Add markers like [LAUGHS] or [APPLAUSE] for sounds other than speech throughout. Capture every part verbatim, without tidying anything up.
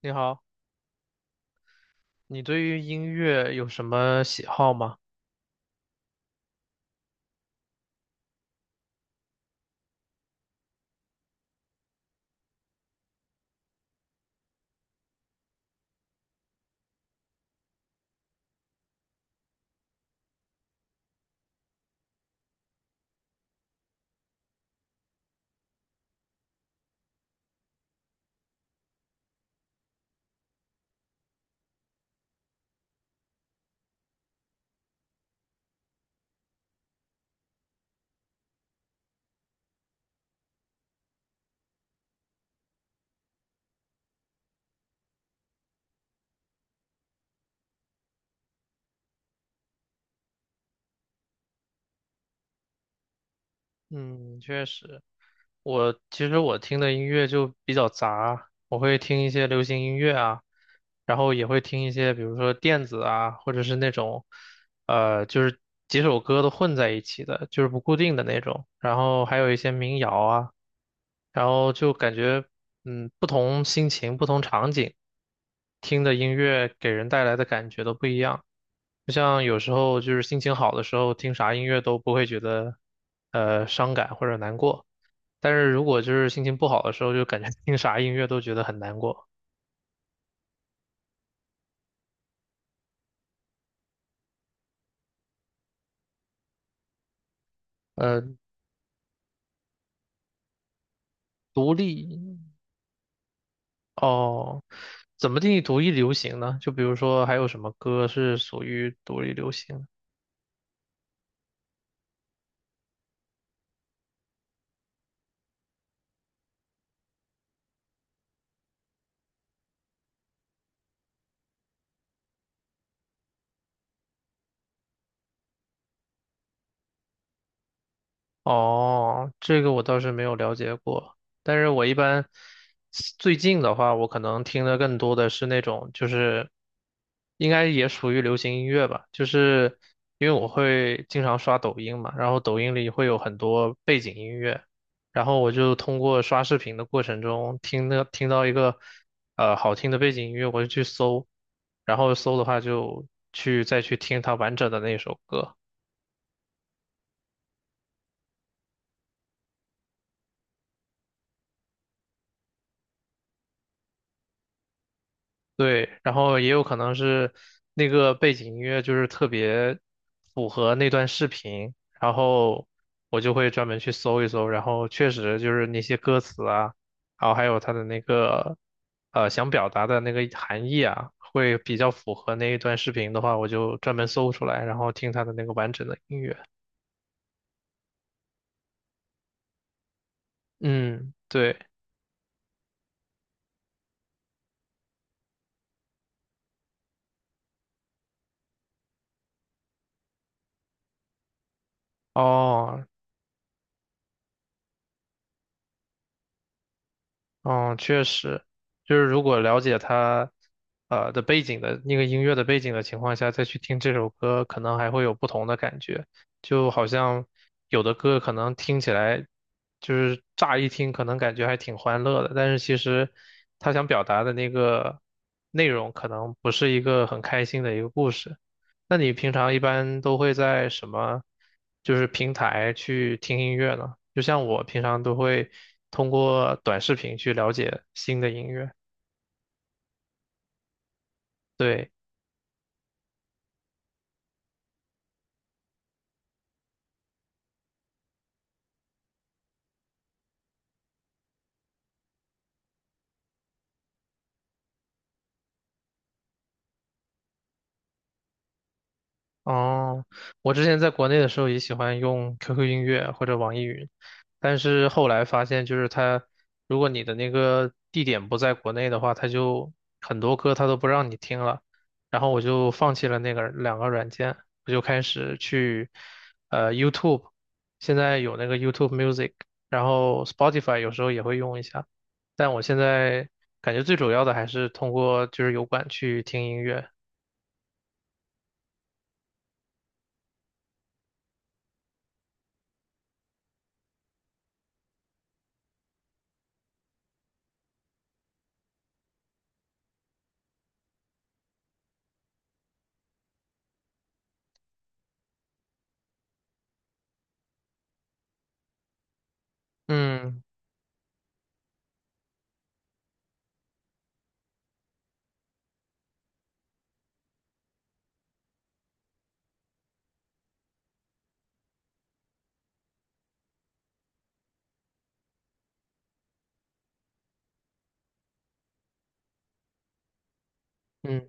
你好，你对于音乐有什么喜好吗？嗯，确实，我其实我听的音乐就比较杂，我会听一些流行音乐啊，然后也会听一些，比如说电子啊，或者是那种，呃，就是几首歌都混在一起的，就是不固定的那种，然后还有一些民谣啊，然后就感觉，嗯，不同心情、不同场景听的音乐给人带来的感觉都不一样。就像有时候就是心情好的时候，听啥音乐都不会觉得呃伤感或者难过，但是如果就是心情不好的时候，就感觉 [LAUGHS] 听啥音乐都觉得很难过。呃，独立哦，怎么定义独立流行呢？就比如说还有什么歌是属于独立流行？哦，这个我倒是没有了解过，但是我一般最近的话，我可能听的更多的是那种，就是应该也属于流行音乐吧，就是因为我会经常刷抖音嘛，然后抖音里会有很多背景音乐，然后我就通过刷视频的过程中听的听到一个呃好听的背景音乐，我就去搜，然后搜的话就去再去听它完整的那首歌。对，然后也有可能是那个背景音乐就是特别符合那段视频，然后我就会专门去搜一搜，然后确实就是那些歌词啊，然后还有它的那个呃想表达的那个含义啊，会比较符合那一段视频的话，我就专门搜出来，然后听它的那个完整的音乐。嗯，对，哦，嗯，确实，就是如果了解他，呃的背景的那个音乐的背景的情况下，再去听这首歌，可能还会有不同的感觉。就好像有的歌可能听起来，就是乍一听可能感觉还挺欢乐的，但是其实他想表达的那个内容可能不是一个很开心的一个故事。那你平常一般都会在什么，就是平台去听音乐呢？就像我平常都会通过短视频去了解新的音乐。对，哦，我之前在国内的时候也喜欢用 Q Q 音乐或者网易云，但是后来发现，就是它，如果你的那个地点不在国内的话，它就很多歌它都不让你听了，然后我就放弃了那个两个软件，我就开始去呃 YouTube，现在有那个 YouTube Music，然后 Spotify 有时候也会用一下，但我现在感觉最主要的还是通过就是油管去听音乐，嗯嗯。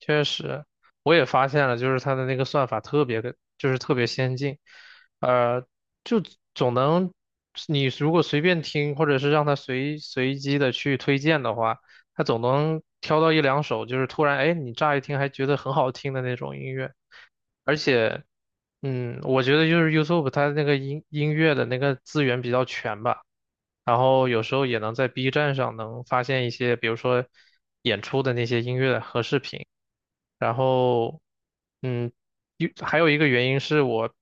确实，我也发现了，就是它的那个算法特别的，就是特别先进，呃，就总能，你如果随便听，或者是让它随随机的去推荐的话，它总能挑到一两首，就是突然，哎，你乍一听还觉得很好听的那种音乐，而且，嗯，我觉得就是 YouTube 它那个音音乐的那个资源比较全吧。然后有时候也能在 B 站上能发现一些，比如说演出的那些音乐和视频。然后，嗯，一还有一个原因是我，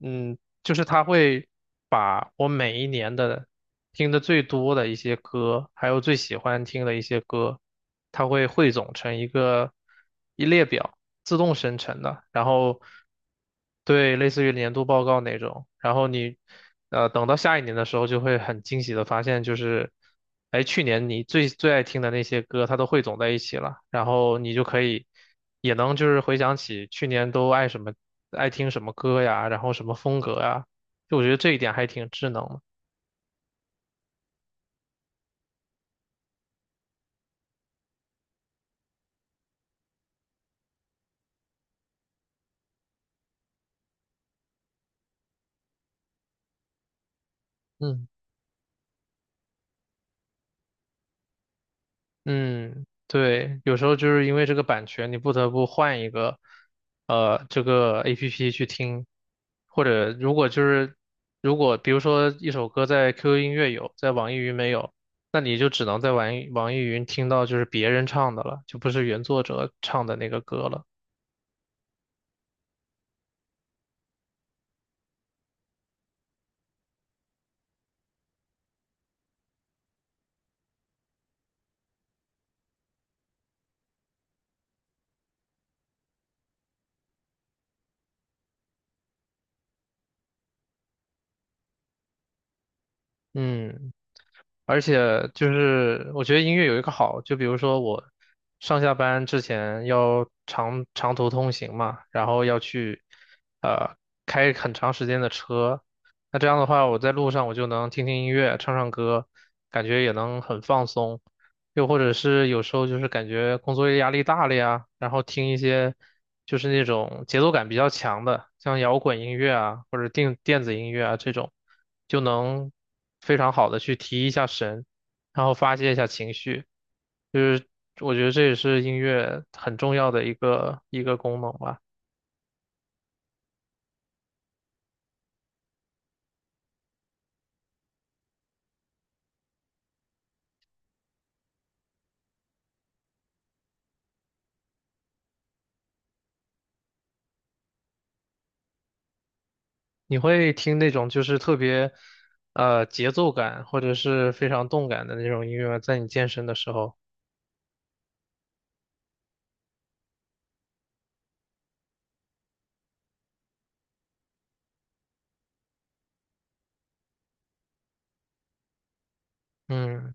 嗯，就是他会把我每一年的听的最多的一些歌，还有最喜欢听的一些歌，他会汇总成一个一列表，自动生成的。然后对，类似于年度报告那种。然后你，呃，等到下一年的时候，就会很惊喜的发现，就是，哎，去年你最最爱听的那些歌，它都汇总在一起了。然后你就可以，也能就是回想起去年都爱什么，爱听什么歌呀，然后什么风格呀。就我觉得这一点还挺智能的。嗯。嗯，对，有时候就是因为这个版权，你不得不换一个，呃，这个 A P P 去听，或者如果就是如果比如说一首歌在 Q Q 音乐有，在网易云没有，那你就只能在网易网易云听到就是别人唱的了，就不是原作者唱的那个歌了。嗯。而且就是我觉得音乐有一个好，就比如说我上下班之前要长长途通行嘛，然后要去呃开很长时间的车，那这样的话我在路上我就能听听音乐，唱唱歌，感觉也能很放松。又或者是有时候就是感觉工作压力大了呀，然后听一些。就是那种节奏感比较强的，像摇滚音乐啊，或者电电子音乐啊这种，就能非常好的去提一下神，然后发泄一下情绪。就是我觉得这也是音乐很重要的一个一个功能吧。你会听那种就是特别呃节奏感或者是非常动感的那种音乐吗，在你健身的时候。嗯，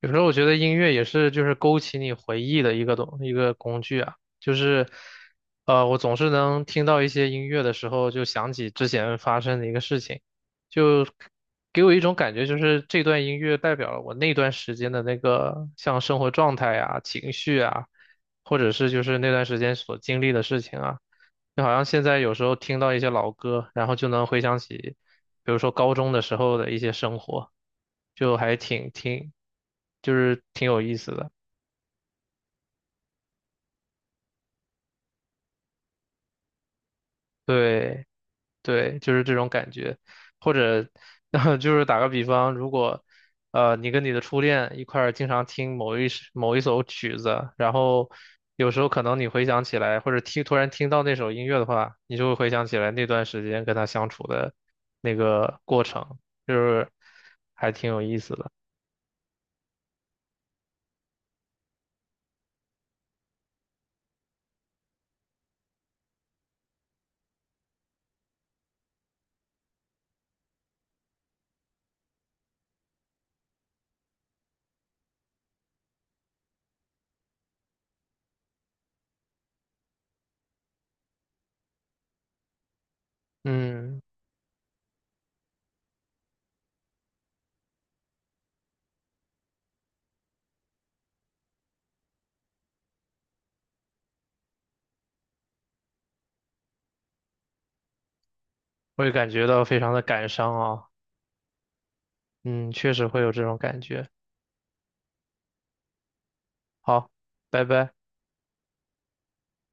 有时候我觉得音乐也是就是勾起你回忆的一个东一个工具啊，就是呃，我总是能听到一些音乐的时候，就想起之前发生的一个事情，就给我一种感觉，就是这段音乐代表了我那段时间的那个像生活状态啊、情绪啊，或者是就是那段时间所经历的事情啊。就好像现在有时候听到一些老歌，然后就能回想起比如说高中的时候的一些生活，就还挺挺，就是挺有意思的。对对，就是这种感觉，或者 [LAUGHS] 就是打个比方，如果呃你跟你的初恋一块儿经常听某一首某一首曲子，然后有时候可能你回想起来，或者听突然听到那首音乐的话，你就会回想起来那段时间跟他相处的那个过程，就是还挺有意思的。嗯，我也感觉到非常的感伤啊。嗯，确实会有这种感觉。好，拜拜。